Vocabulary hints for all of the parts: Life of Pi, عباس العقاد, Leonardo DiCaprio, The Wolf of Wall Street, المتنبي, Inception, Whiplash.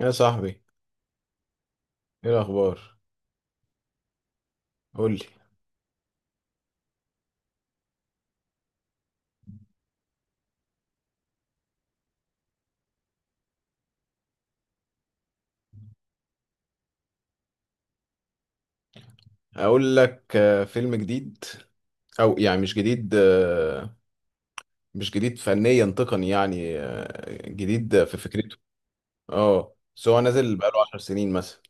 يا صاحبي، ايه الاخبار؟ قول لي. اقول لك، فيلم جديد. او يعني مش جديد، مش جديد فنيا تقني يعني، جديد في فكرته. اه، بس هو نازل بقاله 10 سنين مثلا.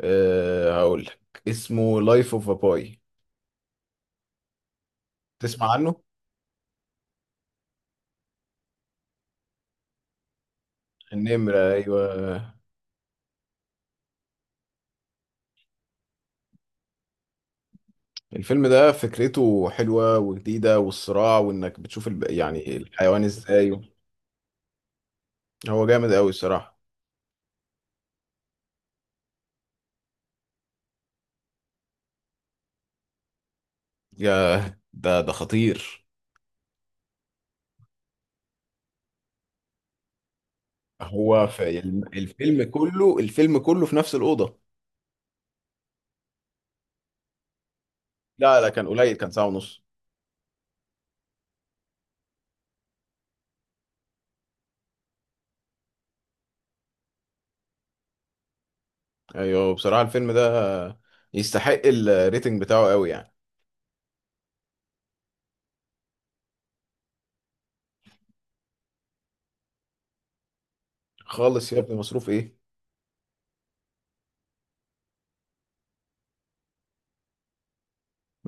أه، هقول لك اسمه لايف اوف باي. تسمع عنه؟ النمرة، ايوه. الفيلم ده فكرته حلوة وجديدة، والصراع، وانك بتشوف يعني الحيوان ازاي. هو جامد قوي الصراحة. يا، ده خطير. هو في الفيلم كله في نفس الأوضة. لا، لا، كان قليل، كان ساعة ونص. ايوه، بصراحة الفيلم ده يستحق الريتنج بتاعه قوي يعني. خالص يا ابني، مصروف ايه؟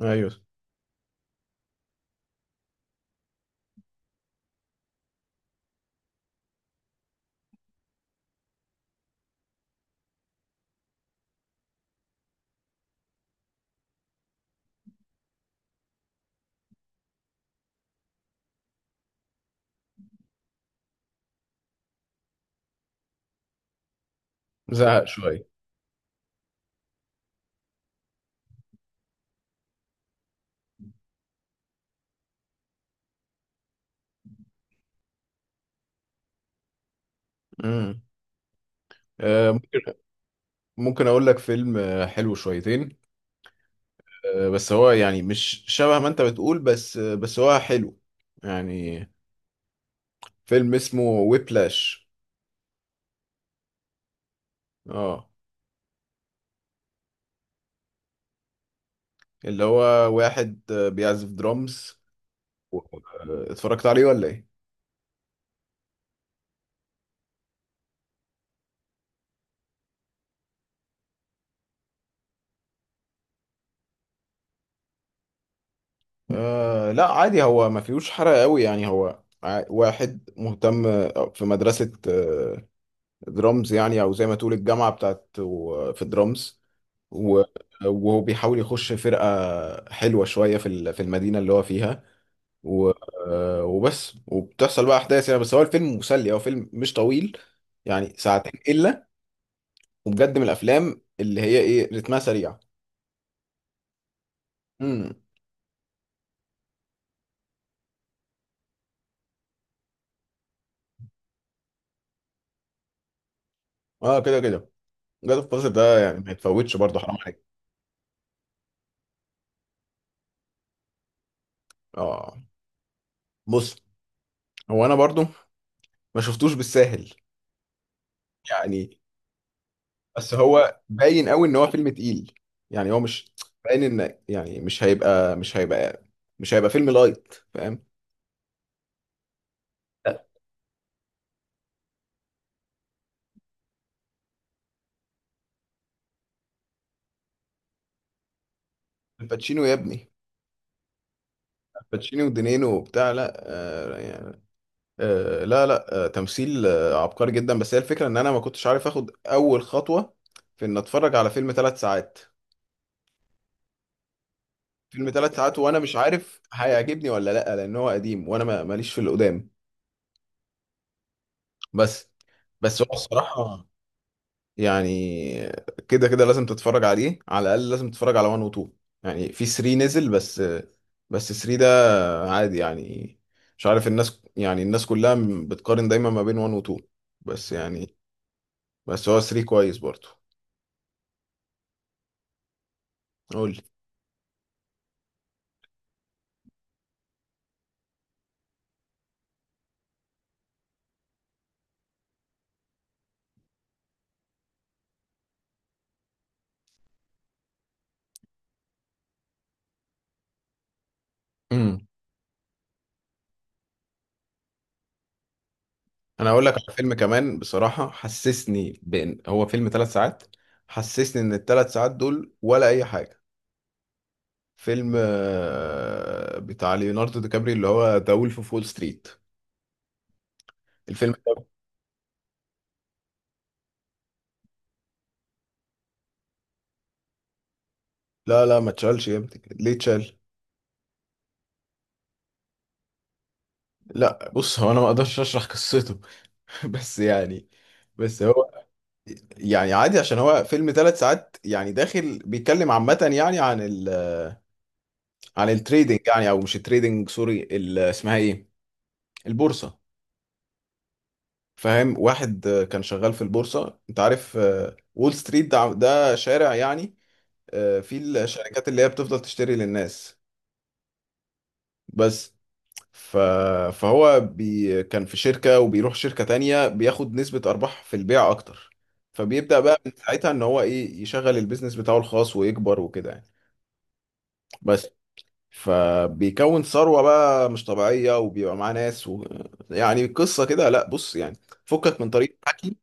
ايوه. زهق شوية. امم. آه، ممكن. ممكن اقول لك فيلم حلو شويتين. بس هو يعني مش شبه ما انت بتقول، بس هو حلو يعني. فيلم اسمه ويبلاش. اه. اللي هو واحد بيعزف درامز. اتفرجت عليه ولا ايه؟ آه، لا، عادي، هو ما فيهوش حرق قوي يعني، هو واحد مهتم في مدرسة درامز يعني، أو زي ما تقول الجامعة بتاعت في الدرامز. و- وهو بيحاول يخش فرقة حلوة شوية في المدينة اللي هو فيها. و- وبس، وبتحصل بقى أحداث يعني، بس هو الفيلم مسلي، هو فيلم مش طويل، يعني ساعتين إلا. وبجد من الأفلام اللي هي إيه، رتمها سريع. امم. اه، كده كده. جاد اوف ده يعني ما يتفوتش برضه، حرام عليك. اه. بص، هو انا برضو ما شفتوش بالساهل يعني. بس هو باين قوي ان هو فيلم تقيل، يعني هو مش باين ان يعني مش هيبقى فيلم لايت، فاهم؟ لا. الباتشينو يا ابني. الباتشينو ودينينو وبتاع، لا، يعني. آه، لا، لا، تمثيل عبقري جدا، بس هي الفكره ان انا ما كنتش عارف اخد اول خطوه في ان اتفرج على فيلم 3 ساعات. فيلم 3 ساعات، وانا مش عارف هيعجبني ولا لا، لان هو قديم، وانا ماليش في القدام. بس، بس هو الصراحه، يعني كده كده لازم تتفرج عليه، على الاقل لازم تتفرج على 1 و 2. يعني في 3 نزل بس، بس 3 ده عادي يعني. مش عارف، الناس يعني الناس كلها بتقارن دايما ما بين 1 و 2، بس يعني. بس هو 3 كويس برضه. قول لي. امم. انا هقول لك على فيلم كمان بصراحة، حسسني بان هو فيلم 3 ساعات، حسسني ان الثلاث ساعات دول ولا اي حاجة. فيلم بتاع ليوناردو دي كابري، اللي هو ذا وولف اوف وول ستريت. الفيلم ده. لا، لا، ما تشالش يا ابني، ليه تشال؟ لا، بص، هو انا ما اقدرش اشرح قصته. بس يعني، بس هو يعني عادي، عشان هو فيلم 3 ساعات، يعني داخل بيتكلم عامة يعني عن التريدنج يعني، او مش التريدنج، سوري، اسمها ايه؟ البورصة. فاهم، واحد كان شغال في البورصة، انت عارف وول ستريت، ده شارع يعني فيه الشركات اللي هي بتفضل تشتري للناس. بس، ف... فهو كان في شركة، وبيروح شركة تانية بياخد نسبة أرباح في البيع أكتر. فبيبدأ بقى من ساعتها إن هو إيه يشغل البيزنس بتاعه الخاص، ويكبر وكده يعني. بس فبيكون ثروة بقى مش طبيعية، وبيبقى معاه ناس يعني قصة كده، لا، بص يعني، فكك من طريقة حكي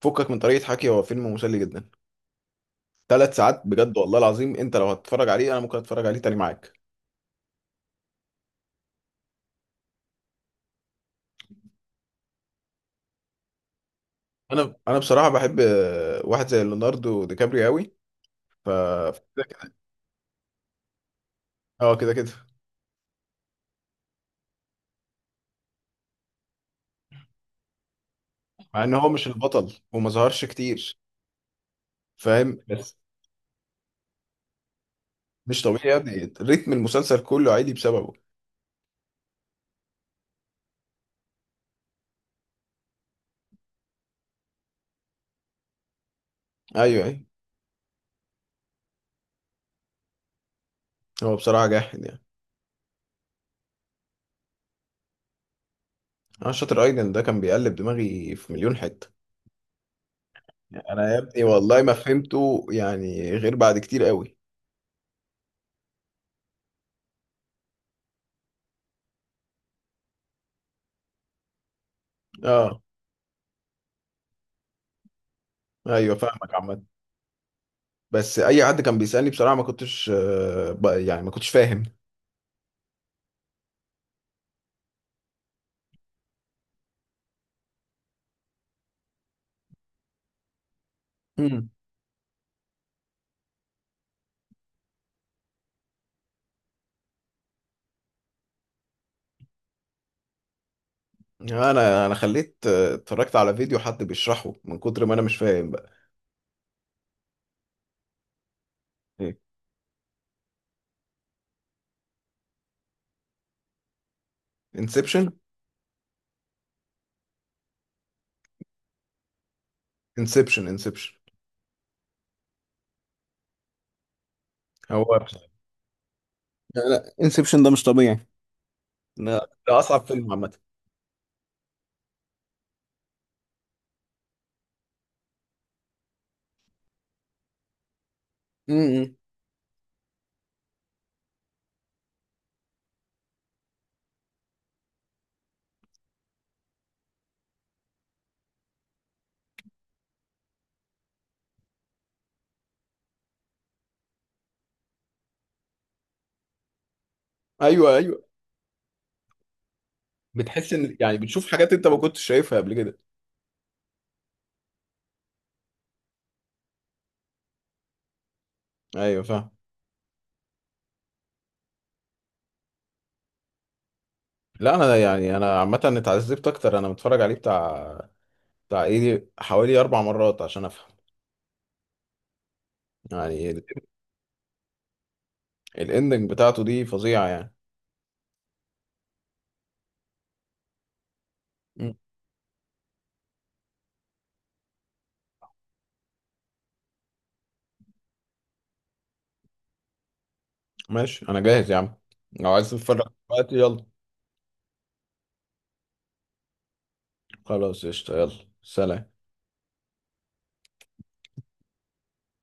فكك من طريقة حكي هو فيلم مسلي جدا، 3 ساعات، بجد والله العظيم، انت لو هتتفرج عليه انا ممكن اتفرج عليه تاني معاك. انا بصراحة بحب واحد زي ليوناردو دي كابريو قوي. ف اه، كده كده. مع ان هو مش البطل وما ظهرش كتير. فاهم بس. مش طبيعي يا ابني، ريتم المسلسل كله عالي بسببه. ايوه، ايوه. هو بصراحه جاحد يعني. انا شاطر ايضا، ده كان بيقلب دماغي في مليون حته. يعني انا يا ابني والله ما فهمته يعني غير بعد كتير قوي. اه. ايوه، فاهمك عامه. بس اي حد كان بيسالني بصراحه ما كنتش يعني ما كنتش فاهم. مم. انا خليت اتفرجت على فيديو حد بيشرحه من كتر ما انا مش فاهم بقى. ايه؟ انسبشن، انسبشن. انسبشن. هو، لا، لا، انسبشن ده مش طبيعي. لا، ده اصعب فيلم عامه. امم. ايوه، ايوه. بتحس ان يعني بتشوف حاجات انت ما كنتش شايفها قبل كده. ايوه، فاهم. لا، انا يعني انا عامه اتعذبت اكتر، انا متفرج عليه بتاع ايه، دي حوالي 4 مرات عشان افهم، يعني الاندنج بتاعته دي فظيعه يعني. مم. ماشي، انا جاهز يا عم، لو عايز تتفرج دلوقتي يلا. خلاص، قشطه، يلا، سلام.